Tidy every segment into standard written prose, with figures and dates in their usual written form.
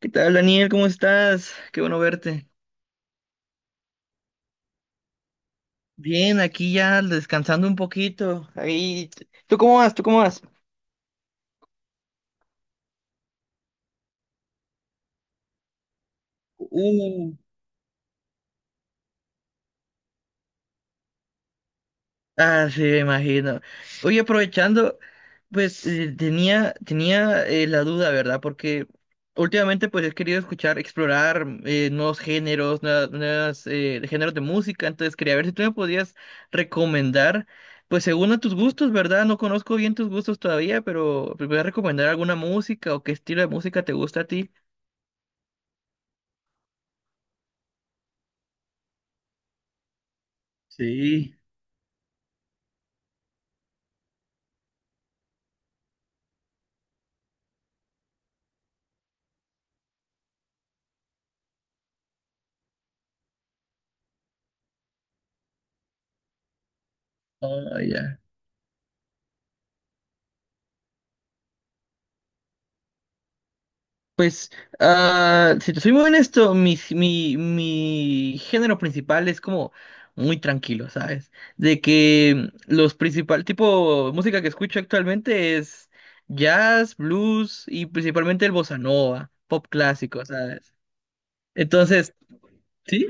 ¿Qué tal, Daniel? ¿Cómo estás? Qué bueno verte. Bien, aquí ya descansando un poquito. Ahí, ¿tú cómo vas? Uh, Ah, sí, me imagino. Oye, aprovechando, pues tenía la duda, ¿verdad? Porque últimamente pues he querido escuchar, explorar nuevos géneros, nuevas, nuevas, géneros de música, entonces quería ver si tú me podías recomendar, pues según a tus gustos, ¿verdad? No conozco bien tus gustos todavía, pero pues, ¿me puedes recomendar alguna música o qué estilo de música te gusta a ti? Sí. Ah, ya. Pues, ah, si te soy muy honesto, mi género principal es como muy tranquilo, ¿sabes? De que los principal tipo de música que escucho actualmente es jazz, blues y principalmente el bossa nova, pop clásico, ¿sabes? Entonces, sí,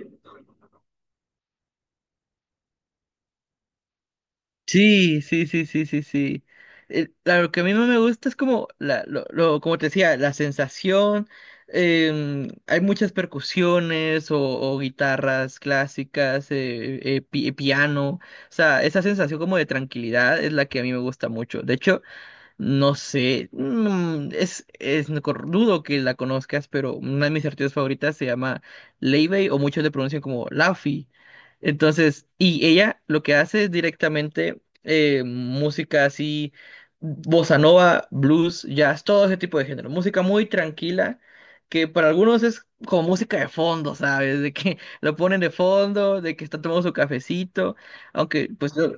Sí. Lo que a mí no me gusta es como, como te decía, la sensación. Hay muchas percusiones o guitarras clásicas, piano. O sea, esa sensación como de tranquilidad es la que a mí me gusta mucho. De hecho, no sé, es no cor- dudo que la conozcas, pero una de mis artistas favoritas se llama Leivey o muchos le pronuncian como Laffy. Entonces, y ella lo que hace es directamente música así, bossa nova, blues, jazz, todo ese tipo de género. Música muy tranquila, que para algunos es como música de fondo, ¿sabes? De que lo ponen de fondo, de que están tomando su cafecito, aunque pues yo...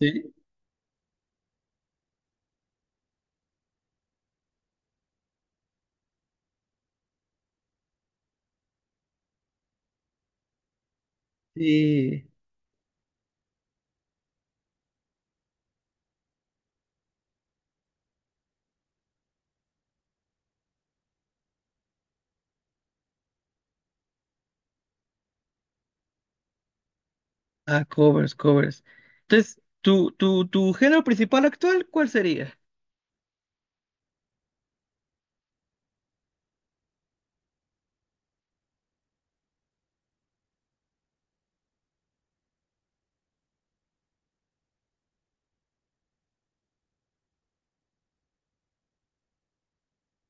Sí, sí. Ah, covers, covers. Entonces, ¿tu género principal actual, cuál sería?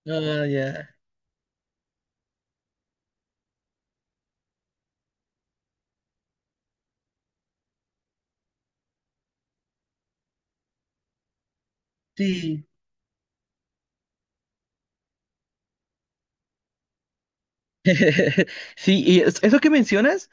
Ah, ya. Sí. Sí, y eso que mencionas.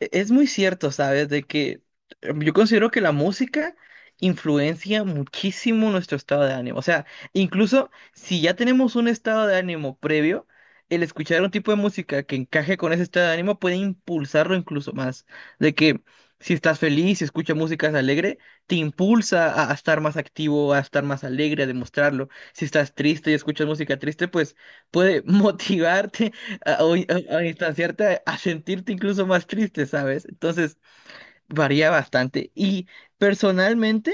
Es muy cierto, ¿sabes? De que yo considero que la música influencia muchísimo nuestro estado de ánimo. O sea, incluso si ya tenemos un estado de ánimo previo, el escuchar un tipo de música que encaje con ese estado de ánimo puede impulsarlo incluso más. De que si estás feliz, si escuchas música alegre, te impulsa a estar más activo, a estar más alegre, a demostrarlo. Si estás triste y escuchas música triste, pues puede motivarte a, a distanciarte, a sentirte incluso más triste, ¿sabes? Entonces, varía bastante. Y personalmente,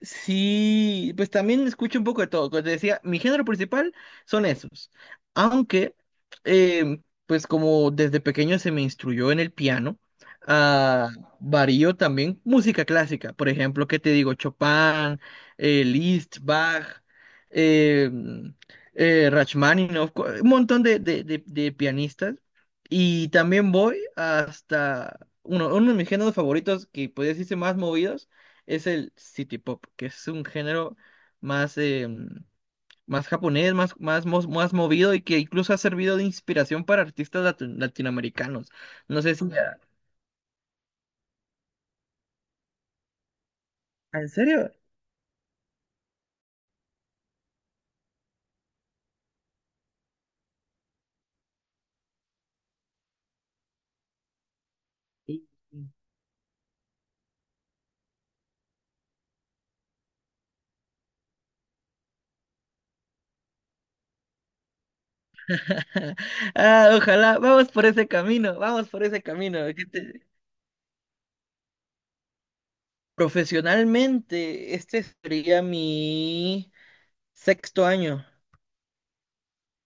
sí, pues también escucho un poco de todo. Como te decía, mi género principal son esos. Aunque, eh, pues como desde pequeño se me instruyó en el piano, ah, varío también música clásica. Por ejemplo, ¿qué te digo? Chopin, Liszt, Bach, eh, Rachmaninoff, un montón de, de pianistas. Y también voy hasta uno de mis géneros favoritos, que podría decirse más movidos, es el city pop, que es un género más, más japonés, más movido y que incluso ha servido de inspiración para artistas latinoamericanos. No sé si... Ya. ¿En serio? Sí, ah, ojalá, vamos por ese camino, vamos por ese camino. ¿Qué te- profesionalmente, este sería mi sexto año.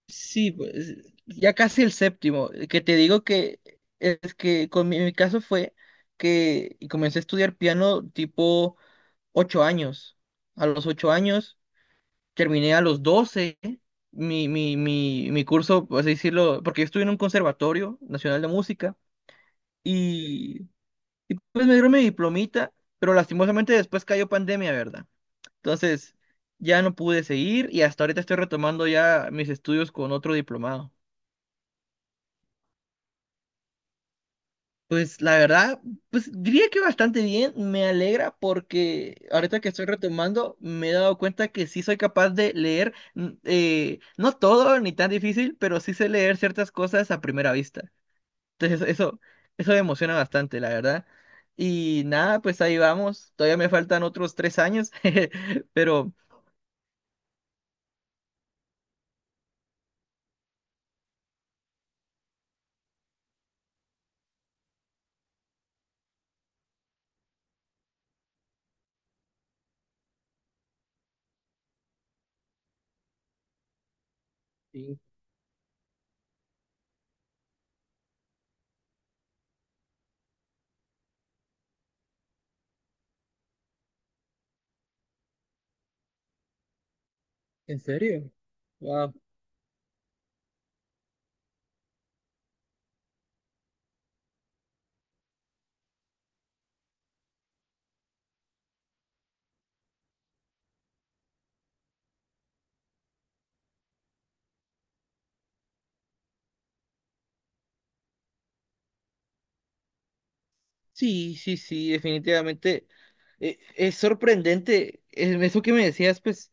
Sí, pues ya casi el séptimo, que te digo que es que con mi caso fue que comencé a estudiar piano tipo ocho años. A los ocho años terminé a los doce mi curso, por así decirlo, porque yo estuve en un conservatorio nacional de música y pues me dieron mi diplomita, pero lastimosamente después cayó pandemia, ¿verdad? Entonces ya no pude seguir y hasta ahorita estoy retomando ya mis estudios con otro diplomado. Pues la verdad, pues diría que bastante bien, me alegra porque ahorita que estoy retomando me he dado cuenta que sí soy capaz de leer, no todo ni tan difícil, pero sí sé leer ciertas cosas a primera vista. Entonces eso me emociona bastante, la verdad. Y nada, pues ahí vamos, todavía me faltan otros tres años, pero... Sí, ¿en serio? Wow. Sí, sí, sí, definitivamente. Es sorprendente eso que me decías, pues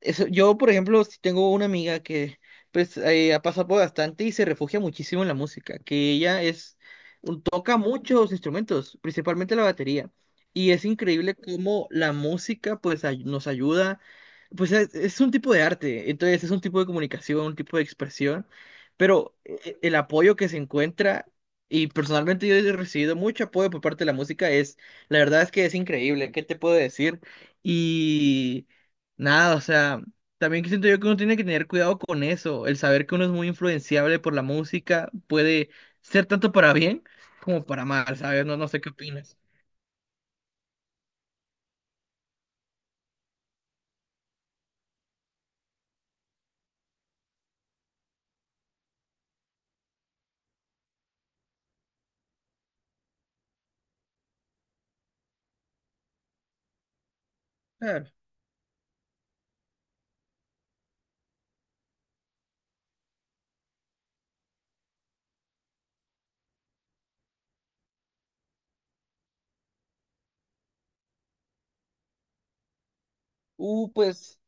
yo, por ejemplo, sí tengo una amiga que pues ha pasado por bastante y se refugia muchísimo en la música, que ella es toca muchos instrumentos, principalmente la batería. Y es increíble cómo la música pues nos ayuda, pues es un tipo de arte, entonces es un tipo de comunicación, un tipo de expresión, pero el apoyo que se encuentra, y personalmente yo he recibido mucho apoyo por parte de la música, es, la verdad es que es increíble, ¿qué te puedo decir? Y nada, o sea... También siento yo que uno tiene que tener cuidado con eso, el saber que uno es muy influenciable por la música puede ser tanto para bien como para mal, ¿sabes? No, no sé qué opinas. Claro. Pues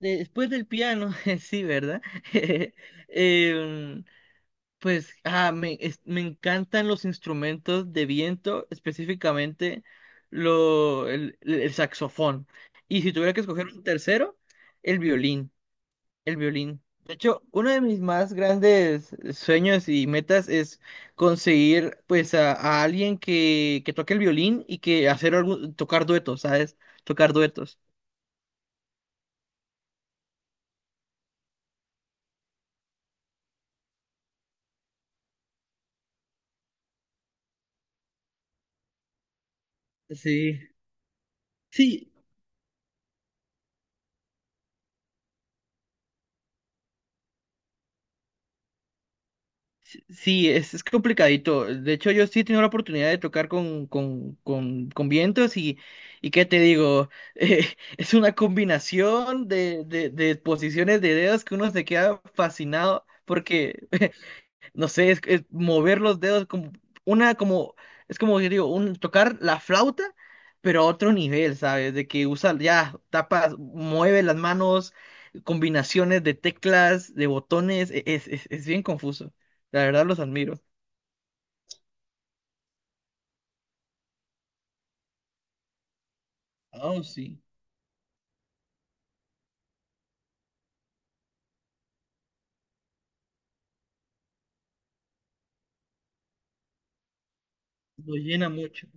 después del piano, sí, ¿verdad? Em, pues ah, me, me encantan los instrumentos de viento, específicamente el saxofón. Y si tuviera que escoger un tercero, el violín. El violín. De hecho, uno de mis más grandes sueños y metas es conseguir pues a alguien que toque el violín y que hacer algo, tocar duetos, ¿sabes? Tocar duetos. Sí. Sí, sí, sí, es complicadito. De hecho, yo sí he tenido la oportunidad de tocar con, con vientos y ¿qué te digo? Eh, es una combinación de, de posiciones de dedos que uno se queda fascinado porque no sé, es mover los dedos como una, como, es como que digo, un, tocar la flauta, pero a otro nivel, ¿sabes? De que usa, ya, tapas, mueve las manos, combinaciones de teclas, de botones, es bien confuso. La verdad los admiro. Oh, sí, lo llena mucho.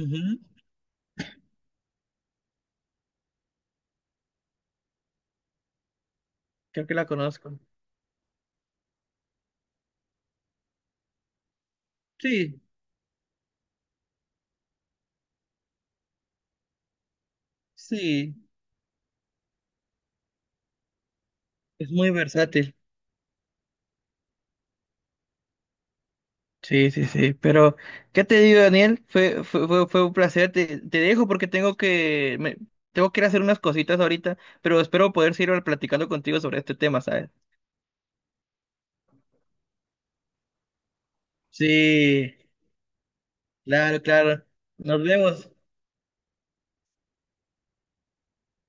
Ujú, creo que la conozco. Sí, sí, es muy versátil. Sí, sí, sí. Pero, ¿qué te digo, Daniel? Fue un placer. Te dejo porque tengo que, tengo que ir a hacer unas cositas ahorita, pero espero poder seguir platicando contigo sobre este tema, ¿sabes? Sí, claro, claro. Nos vemos.